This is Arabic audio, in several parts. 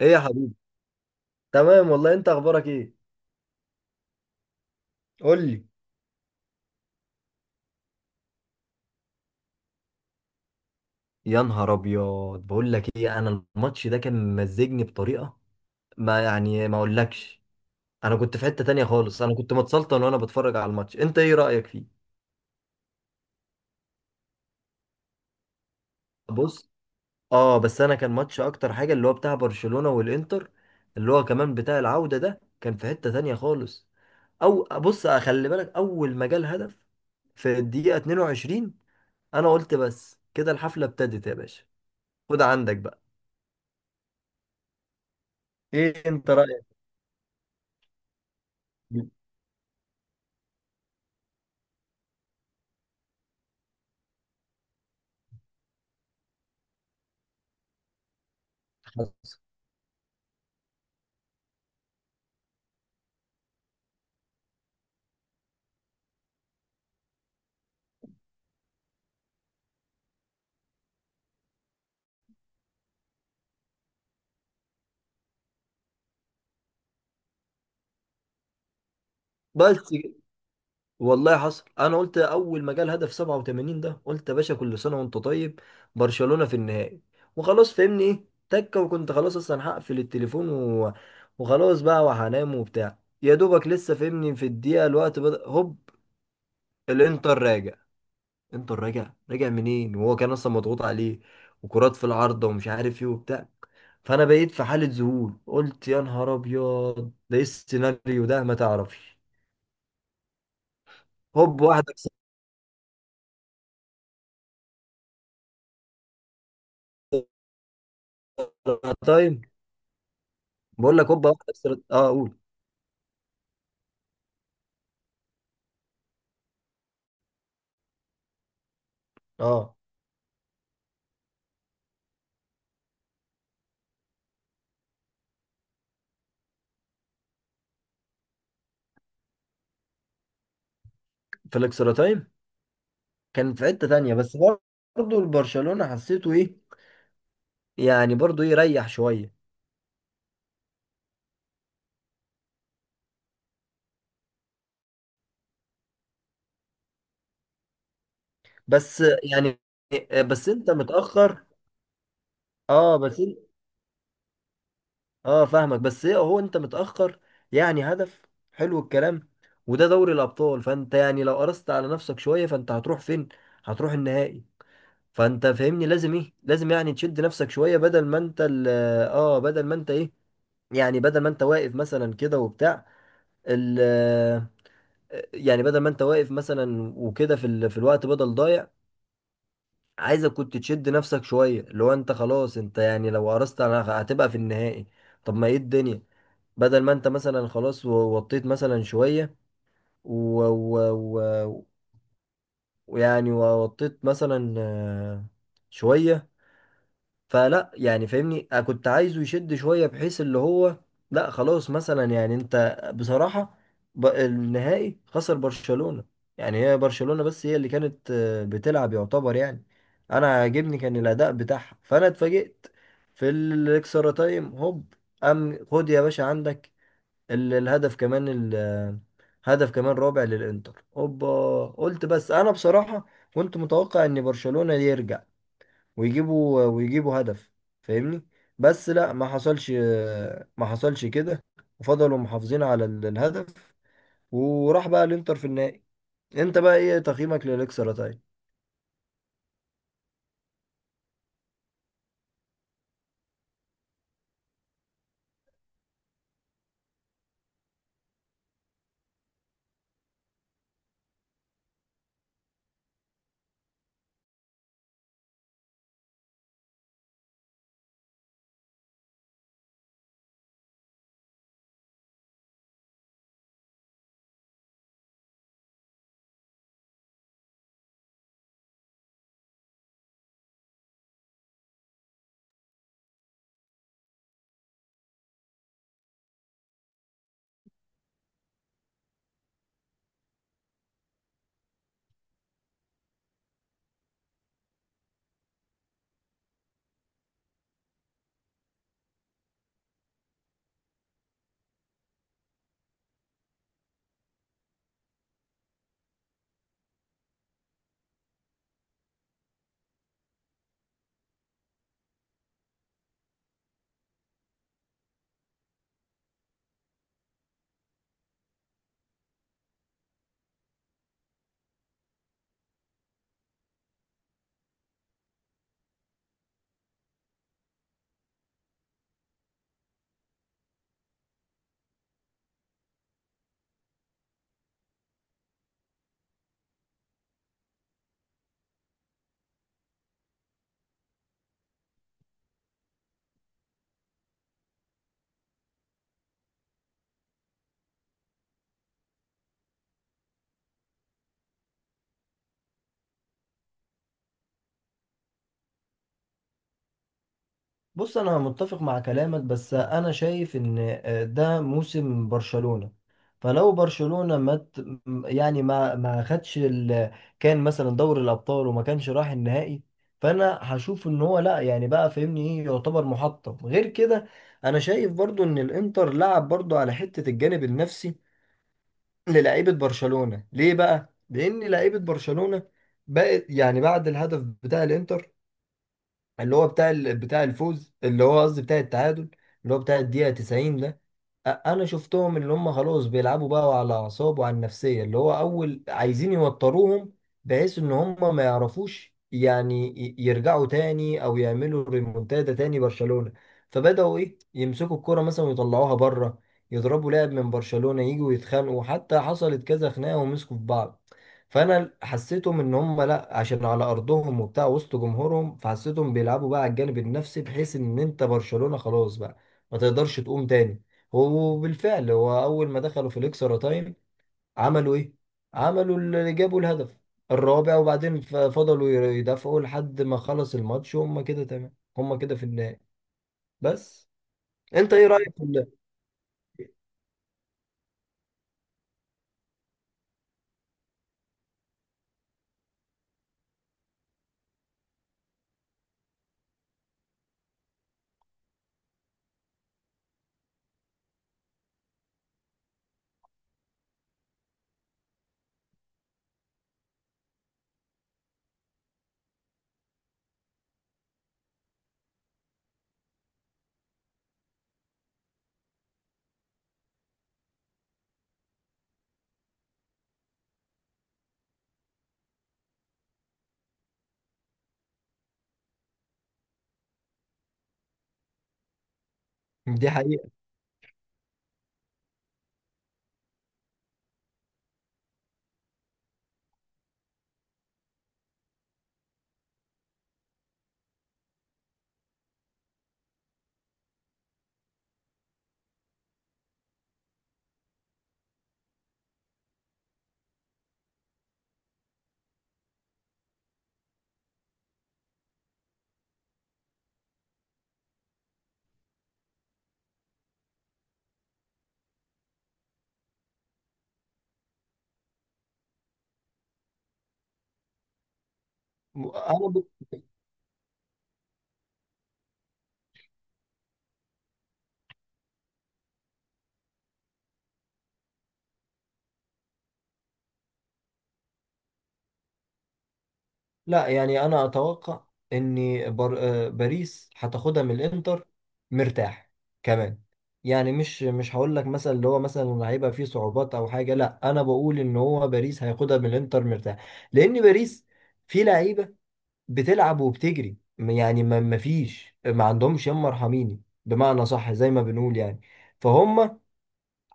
ايه يا حبيبي. تمام والله، انت اخبارك ايه؟ قول لي. يا نهار ابيض، بقول لك ايه، انا الماتش ده كان ممزجني بطريقه ما يعني ما اقولكش. انا كنت في حته تانية خالص، انا كنت متسلطن وانا بتفرج على الماتش. انت ايه رايك فيه؟ بص، اه بس انا كان ماتش اكتر حاجه اللي هو بتاع برشلونه والانتر، اللي هو كمان بتاع العوده، ده كان في حته تانية خالص. او بص، خلي بالك، اول ما جال هدف في الدقيقه 22، انا قلت بس كده الحفله ابتدت يا باشا. خد عندك بقى. ايه انت رايك؟ مم. حصل. بس كده. والله حصل. انا قلت اول ما جه الهدف 87 ده، قلت يا باشا كل سنه وانت طيب، برشلونه في النهائي، وخلاص. فهمني ايه تكه، وكنت خلاص اصلا هقفل التليفون وخلاص بقى وهنام وبتاع، يا دوبك لسه فهمني في الدقيقه، الوقت بدأ، هوب الانتر راجع. انتر راجع منين، وهو كان اصلا مضغوط عليه، وكرات في العارضه ومش عارف ايه وبتاع. فانا بقيت في حاله ذهول، قلت يا نهار ابيض، ده ايه السيناريو ده، ما تعرفش. هوب واحده. تايم. بقول لك هوبا واحدة في اه قول. اه، في الاكسترا تايم كان في حتة تانية، بس برضه البرشلونة حسيته ايه، يعني برضه ايه، ريح شوية. بس يعني، بس انت متأخر. اه بس اه فاهمك، بس ايه هو انت متأخر، يعني هدف. حلو الكلام. وده دوري الأبطال، فانت يعني لو قرصت على نفسك شوية فانت هتروح فين؟ هتروح النهائي. فانت فاهمني، لازم ايه، لازم يعني تشد نفسك شوية بدل ما انت اه بدل ما انت ايه، يعني بدل ما انت واقف مثلا كده وبتاع ال، يعني بدل ما انت واقف مثلا وكده في الوقت بدل ضايع، عايزك كنت تشد نفسك شويه، اللي هو انت خلاص، انت يعني لو قرصت انا هتبقى في النهائي. طب ما ايه الدنيا، بدل ما انت مثلا خلاص وطيت مثلا شويه و... و... و... ويعني وطيت مثلا شويه. فلا يعني فاهمني، أنا كنت عايزه يشد شوية بحيث اللي هو، لا خلاص مثلا، يعني انت بصراحة، النهائي خسر برشلونة. يعني هي برشلونة بس هي اللي كانت بتلعب يعتبر يعني. انا عاجبني كان الاداء بتاعها، فانا اتفاجئت في الاكسترا تايم، هوب. خد يا باشا عندك الهدف كمان هدف كمان رابع للانتر، هوبا. قلت بس انا بصراحة، كنت متوقع ان برشلونة يرجع، ويجيبوا هدف، فاهمني. بس لا، ما حصلش، ما حصلش كده، وفضلوا محافظين على الهدف، وراح بقى الانتر في النهائي. انت بقى ايه تقييمك للاكسرة طيب؟ بص انا متفق مع كلامك، بس انا شايف ان ده موسم برشلونة. فلو برشلونة ما ت- يعني ما خدش كان مثلا دوري الابطال وما كانش راح النهائي، فانا هشوف ان هو لا يعني بقى، فاهمني ايه، يعتبر محطم غير كده. انا شايف برضو ان الانتر لعب برضو على حتة الجانب النفسي للعيبة برشلونة. ليه بقى؟ لان لعيبة برشلونة بقت يعني بعد الهدف بتاع الانتر، اللي هو بتاع بتاع الفوز، اللي هو قصدي بتاع التعادل، اللي هو بتاع الدقيقة 90 ده. انا شفتهم اللي هم خلاص بيلعبوا بقى على اعصاب وعلى النفسية، اللي هو اول عايزين يوتروهم بحيث ان هم ما يعرفوش، يعني يرجعوا تاني او يعملوا ريمونتادا تاني برشلونة. فبدأوا ايه، يمسكوا الكرة مثلا ويطلعوها بره، يضربوا لاعب من برشلونة، يجوا يتخانقوا، حتى حصلت كذا خناقة ومسكوا في بعض. فانا حسيتهم ان هم لا، عشان على ارضهم وبتاع وسط جمهورهم، فحسيتهم بيلعبوا بقى على الجانب النفسي، بحيث ان انت برشلونة خلاص بقى، ما تقدرش تقوم تاني. وبالفعل، هو اول ما دخلوا في الاكسترا تايم، عملوا ايه، عملوا اللي جابوا الهدف الرابع، وبعدين فضلوا يدافعوا لحد ما خلص الماتش، وهم كده تمام، هم كده في النهائي. بس. انت ايه رايك في دي حقيقة. انا لا يعني انا اتوقع ان بر... آه، باريس هتاخدها من الانتر مرتاح، كمان. يعني مش هقول لك مثلا اللي هو مثلا هيبقى فيه صعوبات او حاجه، لا انا بقول ان هو باريس هياخدها من الانتر مرتاح، لان باريس في لعيبه بتلعب وبتجري، يعني ما فيش، ما عندهمش يما ارحميني، بمعنى صح زي ما بنقول يعني. فهم،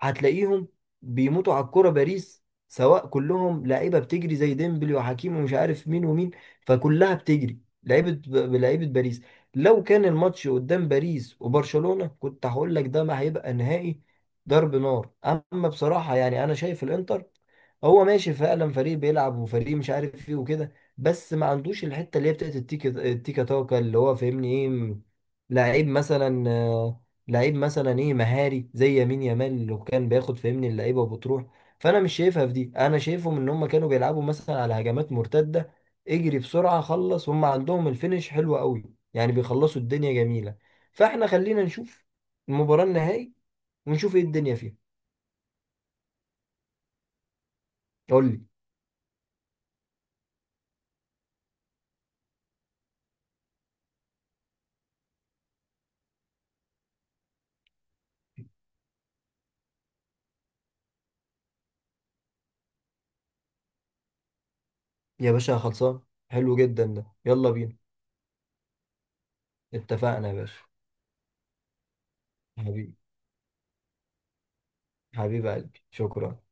هتلاقيهم بيموتوا على الكرة باريس، سواء كلهم لعيبة بتجري زي ديمبلي وحكيمي ومش عارف مين ومين. فكلها بتجري لعيبة، لعيبة باريس. لو كان الماتش قدام باريس وبرشلونة كنت هقول لك ده ما هيبقى نهائي، ضرب نار. اما بصراحة يعني انا شايف الانتر هو ماشي فعلا، فريق بيلعب وفريق مش عارف ايه وكده، بس ما عندوش الحته اللي هي بتاعت التيكا التيكا تاكا، اللي هو فاهمني ايه، لعيب مثلا لعيب مثلا ايه مهاري زي يمين يامال اللي كان بياخد فاهمني اللعيبه وبتروح. فانا مش شايفها في دي، انا شايفهم ان هم كانوا بيلعبوا مثلا على هجمات مرتده، اجري بسرعه خلص، هم عندهم الفينش حلو قوي، يعني بيخلصوا الدنيا جميله. فاحنا خلينا نشوف المباراه النهائي، ونشوف ايه الدنيا فيها. قول لي. يا باشا خلصان، حلو جدا ده، يلا بينا. اتفقنا يا باشا. حبيبي، حبيب قلبي، شكرا.